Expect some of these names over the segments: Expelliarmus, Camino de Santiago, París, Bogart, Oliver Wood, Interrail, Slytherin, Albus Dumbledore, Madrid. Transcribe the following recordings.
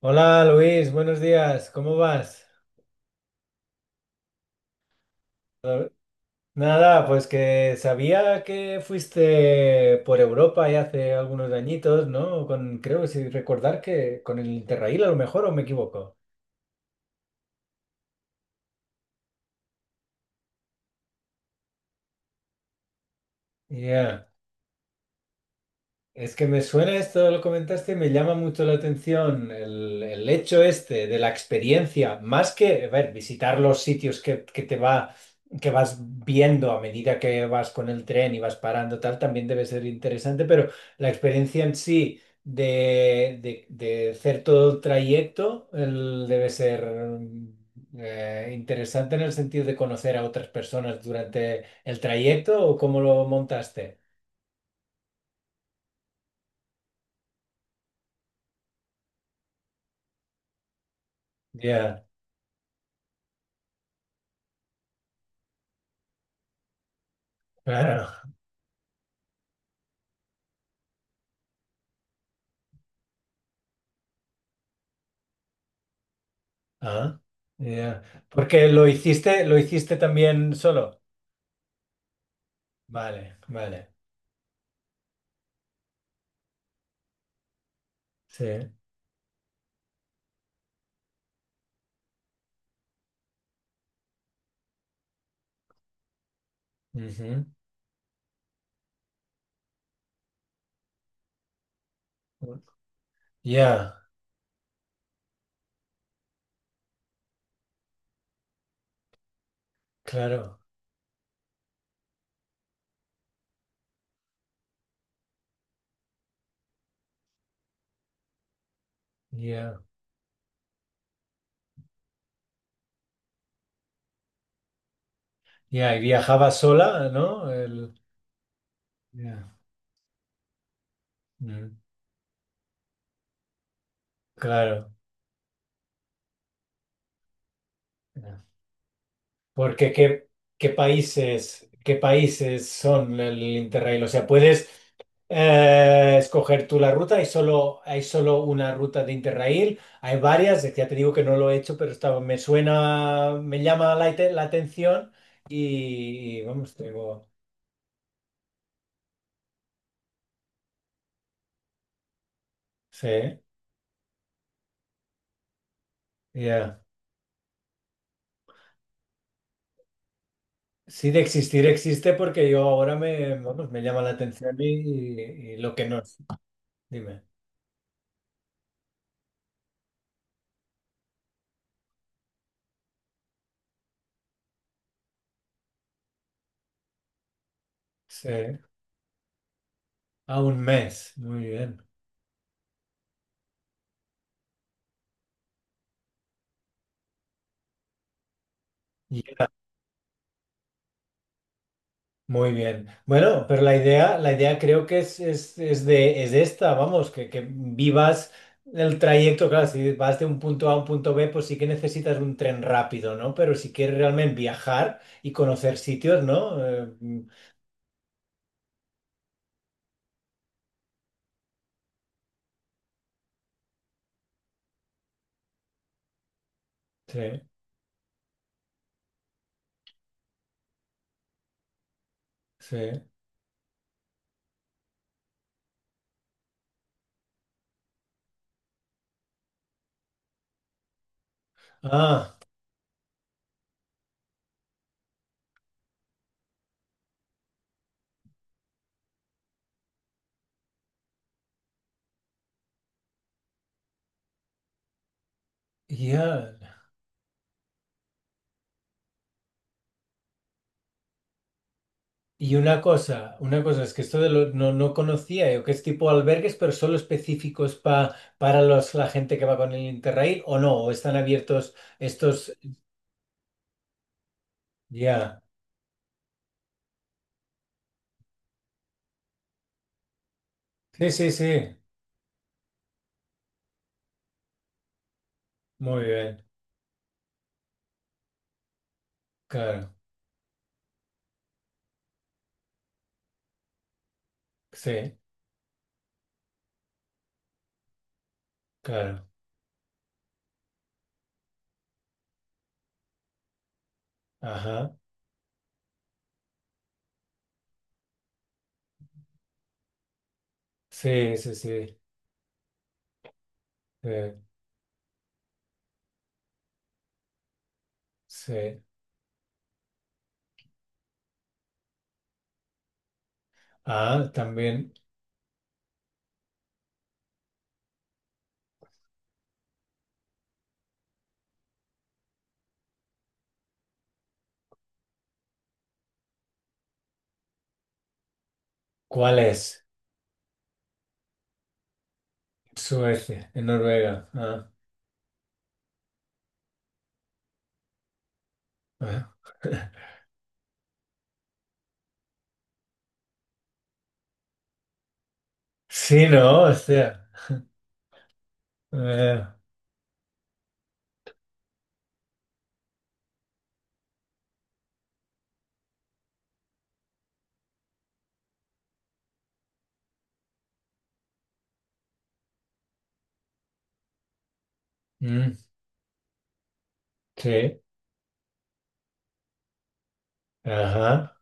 Hola Luis, buenos días, ¿cómo vas? Nada, pues que sabía que fuiste por Europa ya hace algunos añitos, ¿no? Con, creo, si recordar que con el Interrail a lo mejor, ¿o me equivoco? Ya. Es que me suena esto, lo comentaste, me llama mucho la atención el hecho este de la experiencia, más que, a ver, visitar los sitios que te va, que vas viendo a medida que vas con el tren y vas parando, tal, también debe ser interesante, pero la experiencia en sí de hacer todo el trayecto debe ser interesante en el sentido de conocer a otras personas durante el trayecto o cómo lo montaste. Ya, claro. Ah, ya. Porque lo hiciste también solo. Vale, vale. Sí. Ujú. Ya, claro. Ya. Ya, y viajaba sola, ¿no? Ya. Mm. Claro. Porque qué países son el Interrail. O sea, puedes escoger tú la ruta. Hay solo una ruta de Interrail. Hay varias. Ya te digo que no lo he hecho, pero me suena, me llama la atención. Y, vamos, tengo. Sí, ya. Sí, de existir existe porque yo ahora me, vamos, me llama la atención y lo que no es. Dime. Sí. A un mes. Muy bien. Ya. Muy bien. Bueno, pero la idea creo que es esta, vamos, que vivas el trayecto, claro, si vas de un punto A a un punto B, pues sí que necesitas un tren rápido, ¿no? Pero si quieres realmente viajar y conocer sitios, ¿no? Sí, sí. Ah, ya. Y una cosa, es que esto de lo, no, no conocía yo, que es tipo albergues, pero solo específicos para la gente que va con el Interrail, ¿o no? ¿O están abiertos estos? Ya. Sí, sí, sí. Muy bien. Claro. Sí, claro. Ajá. Sí, sí, sí. Sí, sí. Ah, también. ¿Cuál es? Suecia, en Noruega. Ah, ah. Sí, ¿no? O sea. eh, mm, sí. Ajá.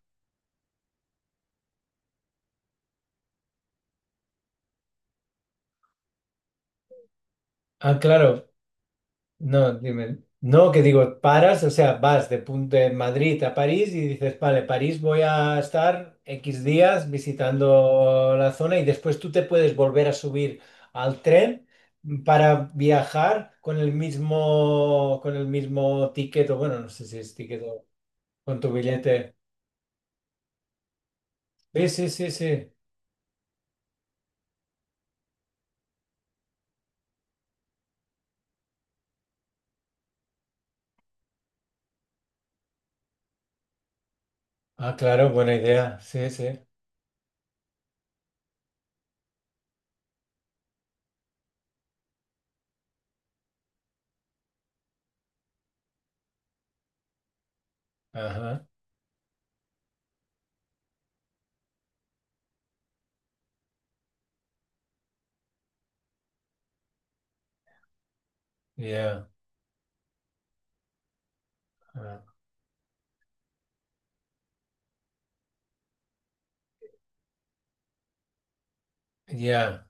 Ah, claro. No, dime. No, que digo, paras, o sea, vas de, de Madrid a París y dices, vale, París voy a estar X días visitando la zona y después tú te puedes volver a subir al tren para viajar con el mismo, ticket, o bueno, no sé si es ticket o con tu billete. Sí, sí, sí, sí. Ah, claro, buena idea. Sí, sí. Ajá. Ya. ah, Ya.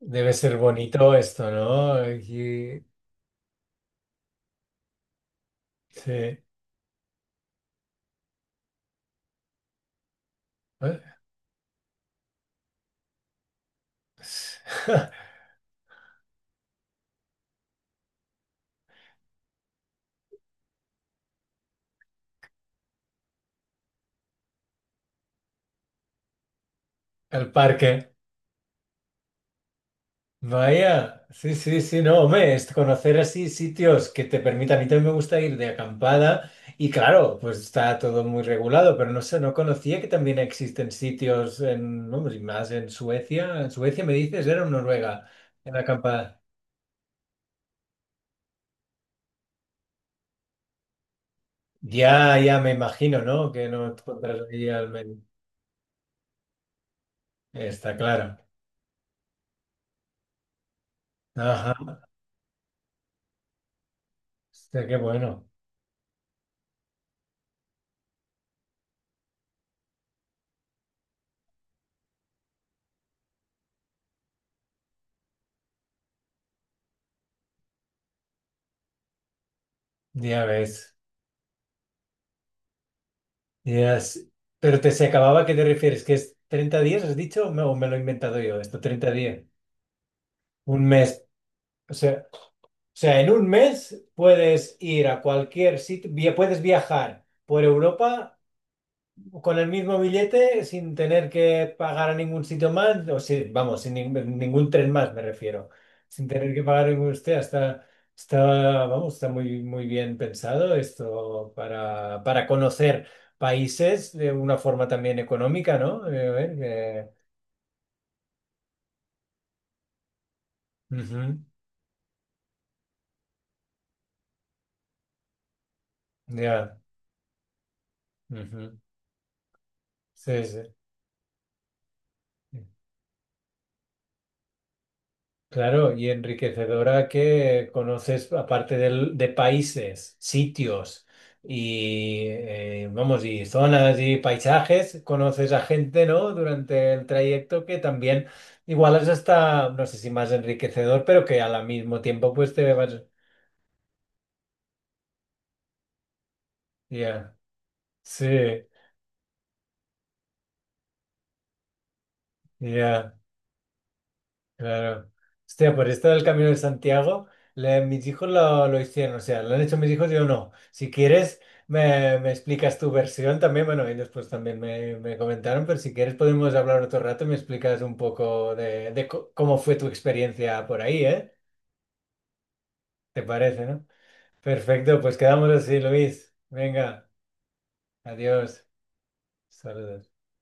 Debe ser bonito esto, ¿no? Sí. ¿Eh? el parque. Vaya, sí, sí, sí, no, hombre, es conocer así sitios que te permitan. A mí también me gusta ir de acampada y claro, pues está todo muy regulado, pero no sé, no conocía que también existen sitios en, vamos, y más en Suecia. En Suecia me dices, era en Noruega, en la acampada. Ya, ya me imagino, ¿no? Que no te encuentras ahí al medio. Está claro. Ajá, o sea, qué bueno, ya ves. Ya, sí. Pero te se acababa, ¿a qué te refieres? ¿Que es 30 días, has dicho? ¿O me lo he inventado yo? Esto, 30 días. Un mes. o sea en un mes puedes ir a cualquier sitio, puedes viajar por Europa con el mismo billete, sin tener que pagar a ningún sitio más, o sí, vamos, sin ningún tren más, me refiero. Sin tener que pagar ningún usted, está, está muy, muy bien pensado esto para conocer países de una forma también económica, ¿no? A ver. Ujú. Ya. Ujú. Sí, sí. Claro, y enriquecedora que conoces, aparte de países, sitios y, vamos, y zonas y paisajes, conoces a gente, ¿no? Durante el trayecto que también igual es hasta, no sé si más enriquecedor, pero que al mismo tiempo pues te vas... Ya. Sí, ya. Claro. Hostia, por esto del Camino de Santiago, mis hijos lo hicieron, o sea, lo han hecho mis hijos, yo no. Si quieres, me explicas tu versión también, bueno, y después también me comentaron, pero si quieres podemos hablar otro rato y me explicas un poco de cómo fue tu experiencia por ahí, ¿eh? ¿Te parece, no? Perfecto, pues quedamos así, Luis. Venga, adiós. Saludos.